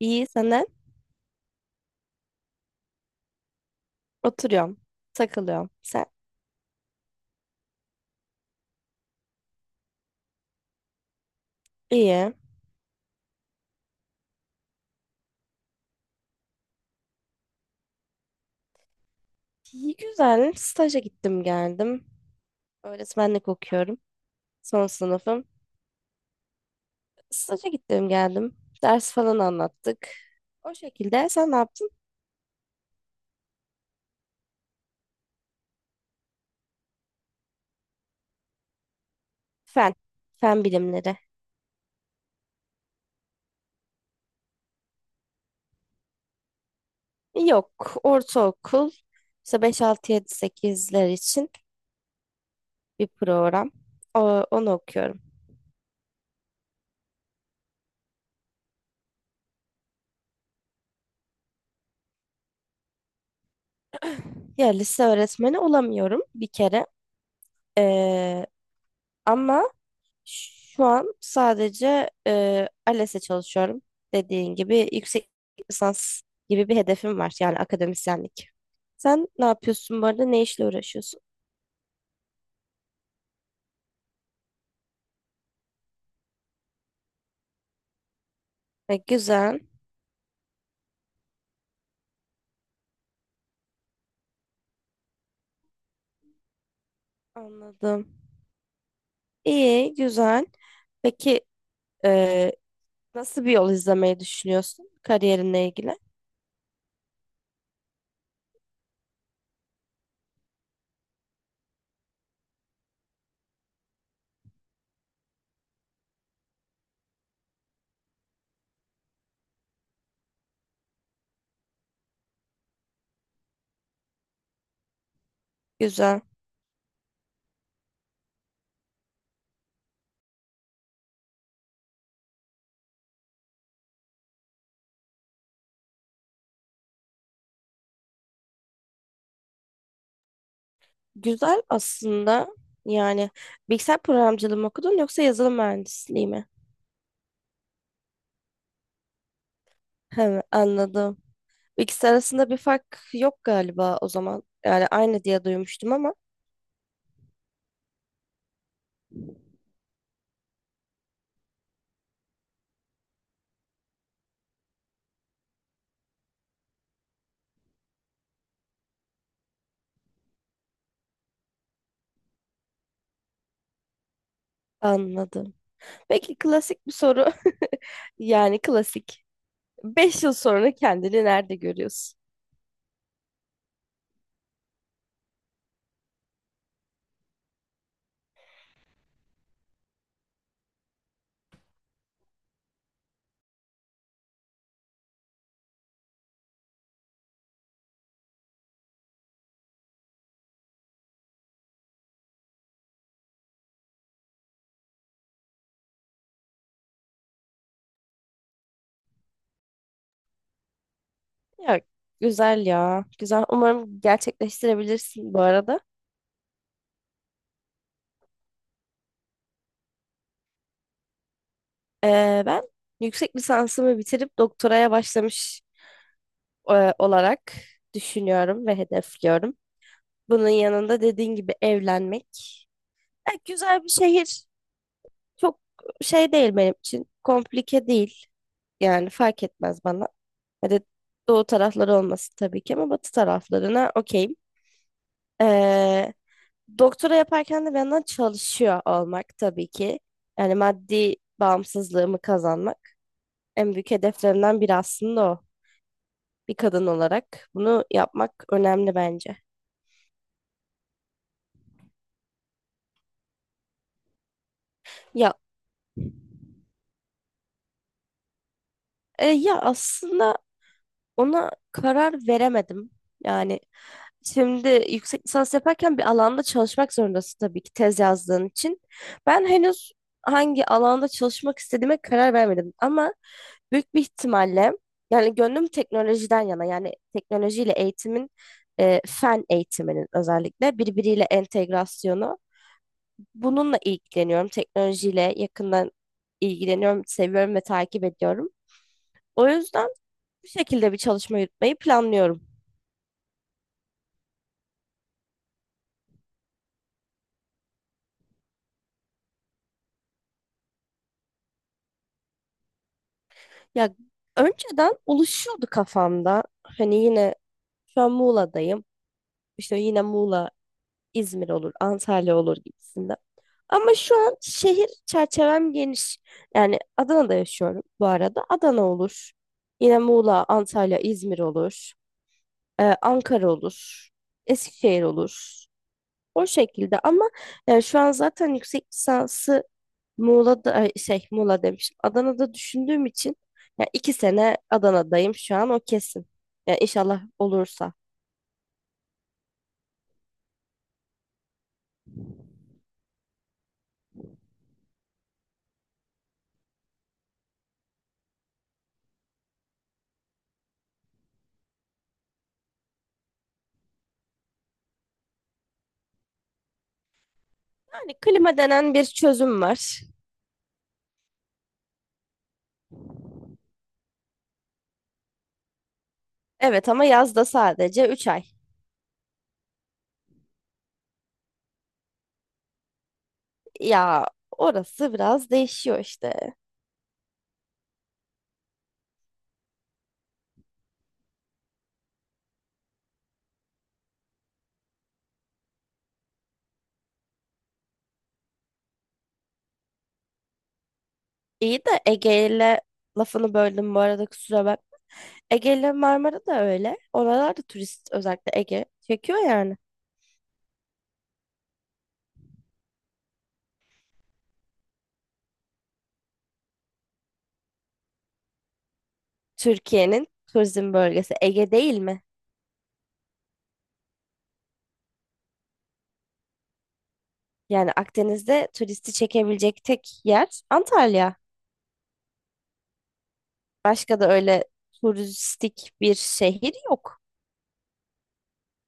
İyi senden. Oturuyorum. Takılıyorum. Sen? İyi. İyi, güzel. Staja gittim geldim. Öğretmenlik okuyorum. Son sınıfım. Staja gittim geldim. Ders falan anlattık. O şekilde sen ne yaptın? Fen. Fen bilimleri. Yok. Ortaokul. İşte 5 6 7 sekizler için bir program. O, onu okuyorum. Ya lise öğretmeni olamıyorum bir kere. Ee, Ama şu an sadece ALES'e çalışıyorum. Dediğin gibi yüksek lisans gibi bir hedefim var. Yani akademisyenlik. Sen ne yapıyorsun bu arada? Ne işle uğraşıyorsun? Güzel. Anladım. İyi, güzel. Peki, e, nasıl bir yol izlemeyi düşünüyorsun kariyerinle ilgili? Güzel. Güzel aslında. Yani bilgisayar programcılığı mı okudun yoksa yazılım mühendisliği mi? He, anladım. İkisi arasında bir fark yok galiba o zaman. Yani aynı diye duymuştum ama. Anladım. Peki, klasik bir soru. Yani klasik. 5 yıl sonra kendini nerede görüyorsun? Ya güzel ya. Güzel. Umarım gerçekleştirebilirsin bu arada. Ben yüksek lisansımı bitirip doktoraya başlamış olarak düşünüyorum ve hedefliyorum. Bunun yanında dediğin gibi evlenmek. E, güzel bir şehir. Çok şey değil benim için. Komplike değil. Yani fark etmez bana. Hadi doğu tarafları olmasın tabii ki, ama batı taraflarına okeyim. Ee, Doktora yaparken de bir yandan çalışıyor olmak tabii ki. Yani maddi bağımsızlığımı kazanmak en büyük hedeflerimden biri aslında o. Bir kadın olarak bunu yapmak önemli bence. Ya ya aslında ona karar veremedim. Yani şimdi yüksek lisans yaparken bir alanda çalışmak zorundasın tabii ki, tez yazdığın için. Ben henüz hangi alanda çalışmak istediğime karar vermedim, ama büyük bir ihtimalle, yani gönlüm teknolojiden yana, yani teknolojiyle eğitimin fen eğitiminin özellikle birbiriyle entegrasyonu, bununla ilgileniyorum. Teknolojiyle yakından ilgileniyorum, seviyorum ve takip ediyorum. O yüzden bu şekilde bir çalışma yürütmeyi planlıyorum. Ya önceden oluşuyordu kafamda. Hani yine şu an Muğla'dayım. İşte yine Muğla, İzmir olur, Antalya olur gibisinde. Ama şu an şehir çerçevem geniş. Yani Adana'da yaşıyorum bu arada. Adana olur. Yine Muğla, Antalya, İzmir olur. Ankara olur. Eskişehir olur. O şekilde, ama şu an zaten yüksek lisansı Muğla'da ay, şey, Muğla demişim. Adana'da düşündüğüm için ya, 2 sene Adana'dayım şu an, o kesin. Ya inşallah olursa. Yani klima denen bir çözüm var. Evet, ama yazda sadece 3 ay. Ya orası biraz değişiyor işte. İyi de Ege ile lafını böldüm bu arada, kusura bakma. Ege ile Marmara da öyle. Oralar da turist, özellikle Ege çekiyor yani. Türkiye'nin turizm bölgesi Ege değil mi? Yani Akdeniz'de turisti çekebilecek tek yer Antalya. Başka da öyle turistik bir şehir yok.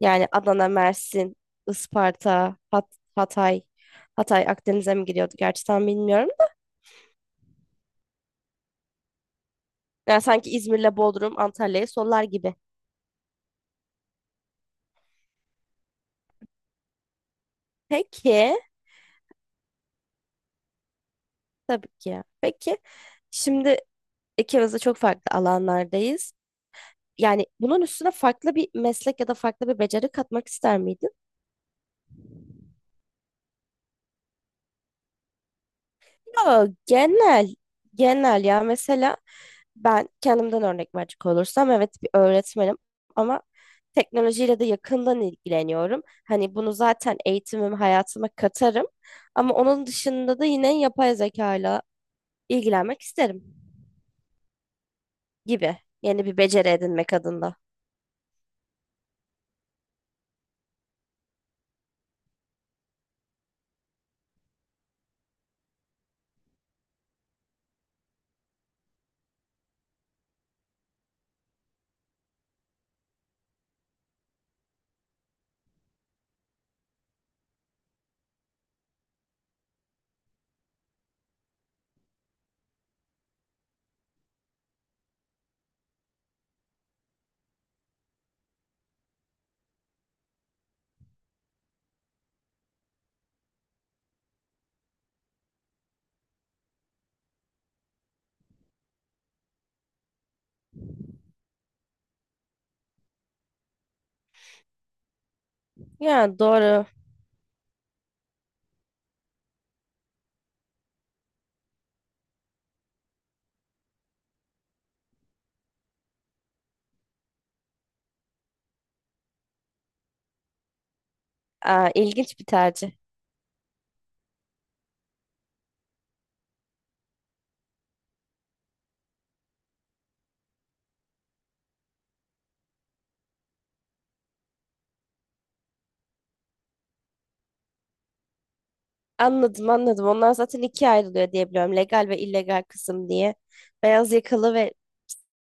Yani Adana, Mersin, Isparta, Hatay. Hatay Akdeniz'e mi giriyordu, gerçi tam bilmiyorum da. Yani sanki İzmir'le Bodrum Antalya'yı sollar gibi. Peki, tabii ki ya. Peki, şimdi ikimiz de çok farklı alanlardayız. Yani bunun üstüne farklı bir meslek ya da farklı bir beceri katmak ister miydin? Yo, genel ya, mesela ben kendimden örnek verecek olursam, evet, bir öğretmenim, ama teknolojiyle de yakından ilgileniyorum. Hani bunu zaten eğitimim hayatıma katarım, ama onun dışında da yine yapay zeka ile ilgilenmek isterim gibi, yeni bir beceri edinmek adında. Yani doğru. Aa, ilginç bir tercih. Anladım, anladım. Onlar zaten ikiye ayrılıyor diye biliyorum. Legal ve illegal kısım diye. Beyaz yakalı ve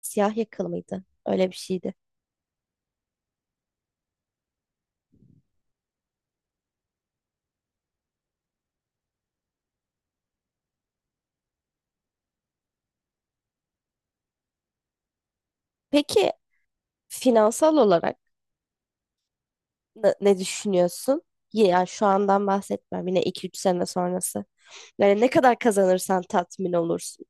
siyah yakalı mıydı? Öyle bir şeydi. Peki, finansal olarak ne düşünüyorsun? Ya şu andan bahsetmem. Yine 2 3 sene sonrası. Yani ne kadar kazanırsan tatmin olursun.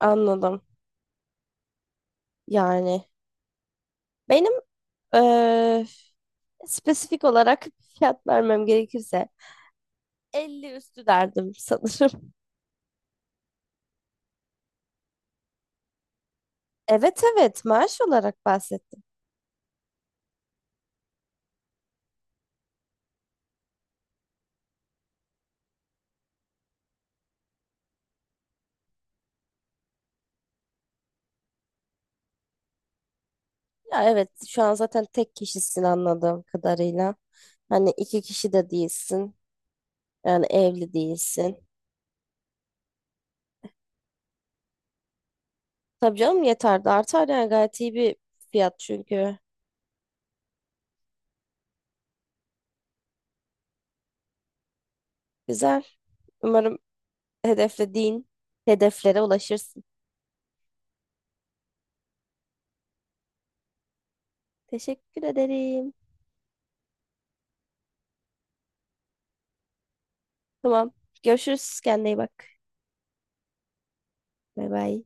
Anladım. Yani benim eee, spesifik olarak fiyat vermem gerekirse 50 üstü derdim sanırım. Evet, evet, maaş olarak bahsettim. Ya evet, şu an zaten tek kişisin anladığım kadarıyla. Hani iki kişi de değilsin. Yani evli değilsin. Tabii canım, yeter de artar yani, gayet iyi bir fiyat çünkü. Güzel. Umarım hedeflediğin hedeflere ulaşırsın. Teşekkür ederim. Tamam. Görüşürüz. Kendine iyi bak. Bay bay.